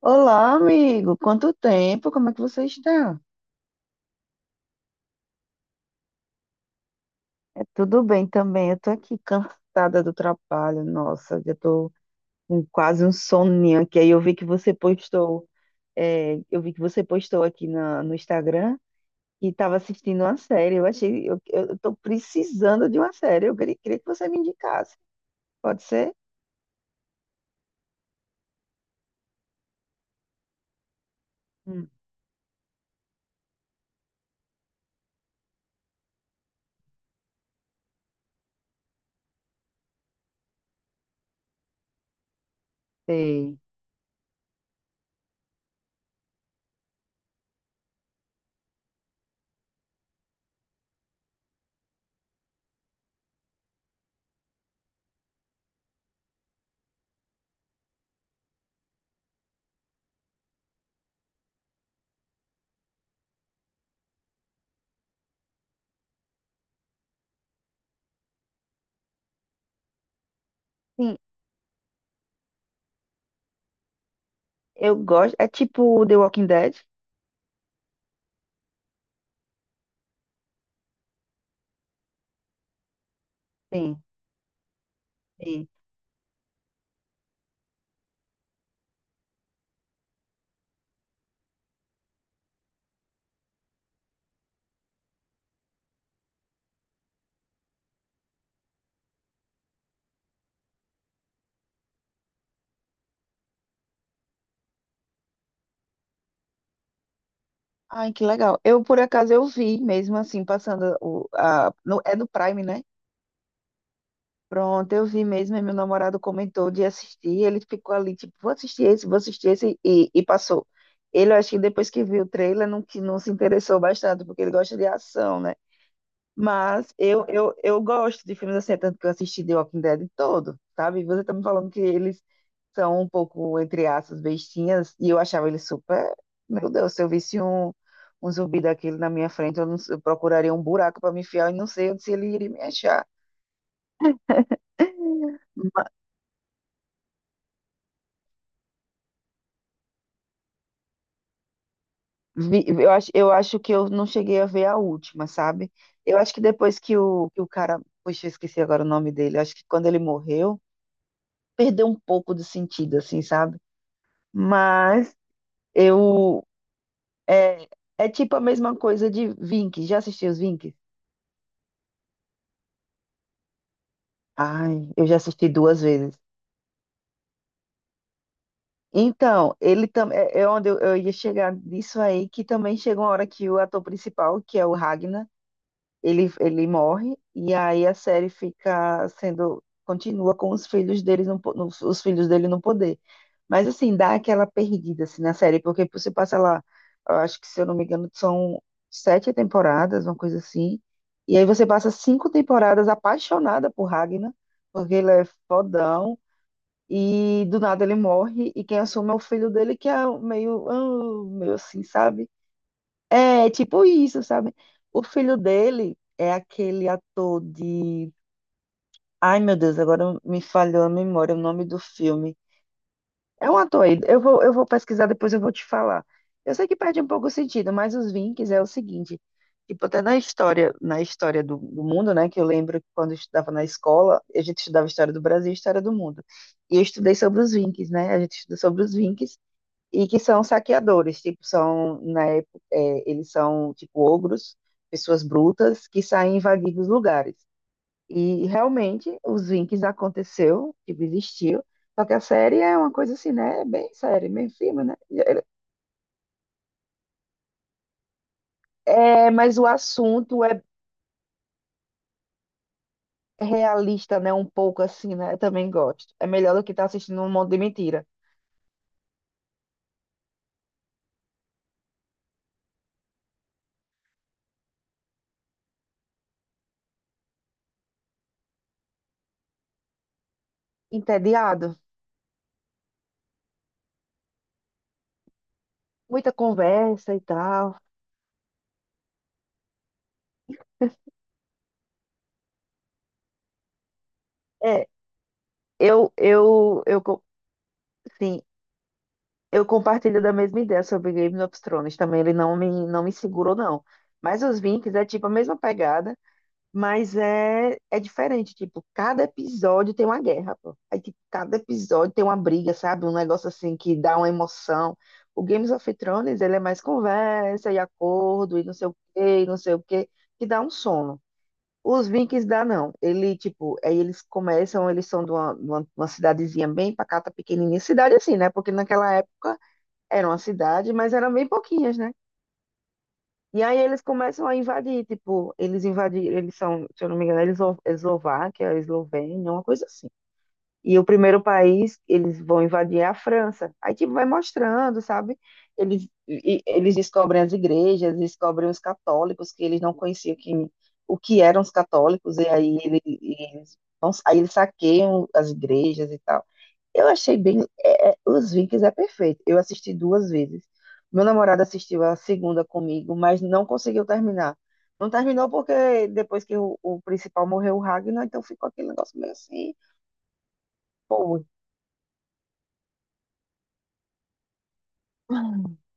Olá, amigo. Quanto tempo? Como é que você está? É tudo bem também. Eu tô aqui cansada do trabalho. Nossa, eu tô com quase um soninho aqui. Aí eu vi que você postou, eu vi que você postou aqui no Instagram e estava assistindo uma série. Eu achei, eu tô precisando de uma série. Queria que você me indicasse. Pode ser? Hum, sei. Sim, eu gosto. É tipo The Walking Dead? Sim. Ai, que legal. Eu vi mesmo assim, passando o, a, no- é no Prime, né? Pronto, eu vi mesmo, e meu namorado comentou de assistir, ele ficou ali, tipo, vou assistir esse, e passou. Eu acho que depois que viu o trailer, não, que não se interessou bastante, porque ele gosta de ação, né? Mas eu gosto de filmes assim, é tanto que eu assisti The Walking Dead todo, sabe? Você tá me falando que eles são um pouco, entre aspas, bestinhas, e eu achava eles super. Meu Deus, se eu visse um zumbi daquele na minha frente, eu, não, eu procuraria um buraco para me enfiar e não sei onde se ele iria me achar. Eu acho que eu não cheguei a ver a última, sabe? Eu acho que depois que o cara. Poxa, eu esqueci agora o nome dele. Eu acho que quando ele morreu, perdeu um pouco de sentido, assim, sabe? Mas. Eu. É, é tipo a mesma coisa de Vinx. Já assisti os Vinx? Ai, eu já assisti duas vezes. Então, ele também. É é onde eu ia chegar nisso aí, que também chega uma hora que o ator principal, que é o Ragnar. Ele morre e aí a série fica sendo continua com os filhos dele os filhos dele no poder. Mas assim, dá aquela perdida assim na série, porque você passa lá, eu acho que se eu não me engano, são sete temporadas, uma coisa assim. E aí você passa cinco temporadas apaixonada por Ragnar, porque ele é fodão. E do nada ele morre, e quem assume é o filho dele, que é meio, ah, meio assim, sabe? É, tipo isso, sabe? O filho dele é aquele ator de. Ai, meu Deus, agora me falhou a memória, o nome do filme. É um ator aí. Eu vou pesquisar, depois eu vou te falar. Eu sei que perde um pouco o sentido, mas os Vinks é o seguinte. Tipo, até na história do mundo, né? Que eu lembro que quando eu estudava na escola, a gente estudava história do Brasil e história do mundo. E eu estudei sobre os Vinks, né? A gente estuda sobre os Vinks e que são saqueadores, tipo, são, na época, é, eles são, tipo, ogros, pessoas brutas que saem invadindo os lugares. E, realmente, os Vikings aconteceu, tipo, existiu, só que a série é uma coisa assim, né, bem séria, bem firme, né? É, mas o assunto é realista, né, um pouco assim, né, eu também gosto. É melhor do que estar assistindo um monte de mentira. Entediado, muita conversa e tal. É, eu, eu, eu, co- sim, eu compartilho da mesma ideia sobre Game of Thrones. Também ele não me segurou, não. Mas os Vikings é tipo a mesma pegada, mas é diferente. Tipo, cada episódio tem uma guerra, pô. Aí, tipo, cada episódio tem uma briga, sabe? Um negócio assim que dá uma emoção. O Games of Thrones, ele é mais conversa e acordo e não sei o quê, e não sei o quê, que dá um sono. Os Vikings dá não. Ele, tipo, aí eles começam, eles são de uma cidadezinha bem pacata, pequenininha. Cidade assim, né? Porque naquela época era uma cidade, mas eram bem pouquinhas, né? E aí eles começam a invadir, tipo, eles invadiram, eles são, se eu não me engano, eles Eslováquia, é Eslovênia, uma coisa assim. E o primeiro país eles vão invadir é a França. Aí, tipo, vai mostrando, sabe? Eles descobrem as igrejas, descobrem os católicos, que eles não conheciam o que eram os católicos, e eles, aí eles saqueiam as igrejas e tal. Eu achei bem. É, os Vikings é perfeito. Eu assisti duas vezes. Meu namorado assistiu a segunda comigo, mas não conseguiu terminar. Não terminou porque depois o principal morreu, o Ragnar, então ficou aquele negócio meio assim. Pô,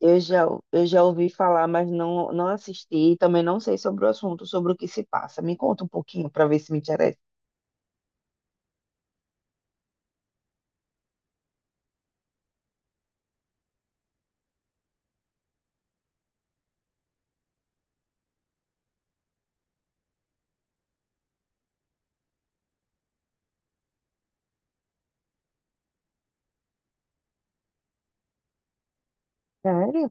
eu já, eu já ouvi falar, mas não, não assisti. E também não sei sobre o assunto, sobre o que se passa. Me conta um pouquinho para ver se me interessa. Sério?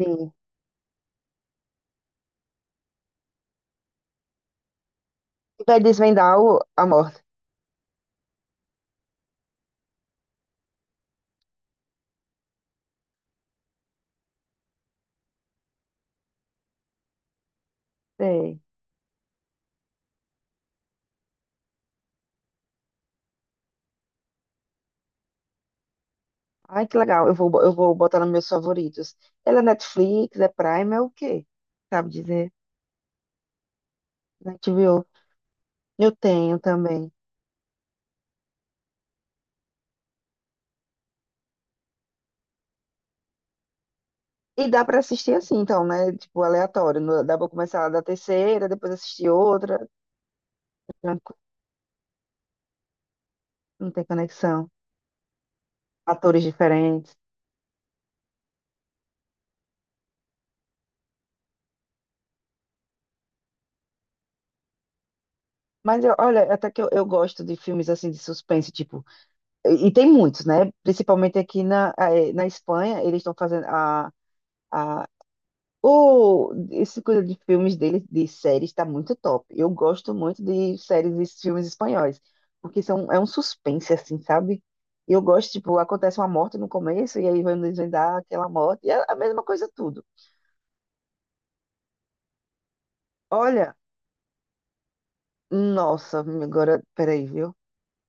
Sim. E vai desvendar a morte. Sei. Ai, que legal. Eu vou botar nos meus favoritos. Ela é Netflix, é Prime, é o quê? Sabe dizer? Na HBO. Eu tenho também. E dá pra assistir assim, então, né? Tipo, aleatório. Dá pra começar da terceira, depois assistir outra. Tranquilo, não tem conexão. Atores diferentes. Olha, até que eu gosto de filmes assim de suspense, tipo. E tem muitos, né? Principalmente aqui na Espanha, eles estão fazendo a. O, esse coisa de filmes dele, de séries, está muito top. Eu gosto muito de séries e filmes espanhóis, porque são, é um suspense, assim, sabe? Eu gosto, tipo, acontece uma morte no começo e aí vai desvendar aquela morte, e é a mesma coisa tudo. Olha, nossa, agora, peraí, viu?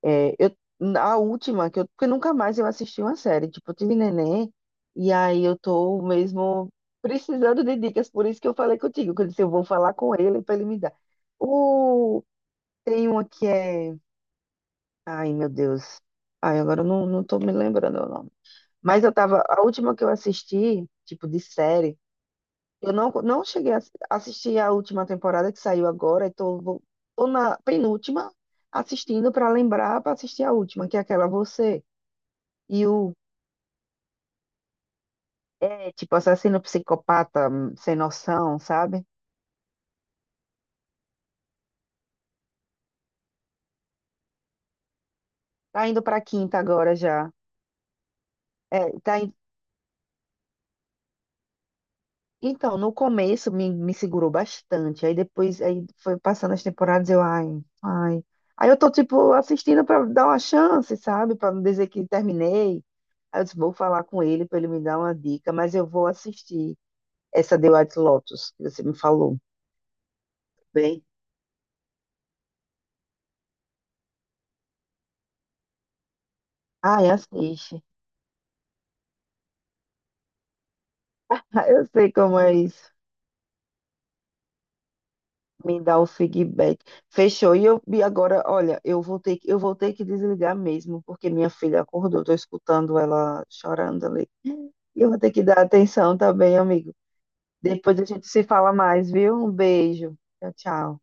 É, eu, a última, que eu, porque nunca mais eu assisti uma série, tipo, eu tive neném, e aí eu tô mesmo precisando de dicas, por isso que eu falei contigo, que eu disse, eu vou falar com ele para ele me dar. O tem uma que é. Ai, meu Deus. Ai, agora eu não, não tô me lembrando o nome. Mas eu tava. A última que eu assisti, tipo, de série, eu não, não cheguei a assistir a última temporada que saiu agora, tô na penúltima assistindo pra lembrar pra assistir a última, que é aquela Você e o. É, tipo, assassino psicopata, sem noção, sabe? Tá indo pra quinta agora já. É, tá, então, no começo me segurou bastante. Aí depois, aí foi passando as temporadas, eu, ai, ai. Aí eu tô, tipo, assistindo pra dar uma chance, sabe? Pra não dizer que terminei. Aí eu disse, vou falar com ele pra ele me dar uma dica, mas eu vou assistir essa The White Lotus que você me falou. Bem, ai, assiste. Ai, eu sei como é isso. Me dá o feedback. Fechou. E eu e agora, olha, eu vou ter que desligar mesmo, porque minha filha acordou. Tô escutando ela chorando ali. E eu vou ter que dar atenção também, amigo. Depois a gente se fala mais, viu? Um beijo. Tchau, tchau.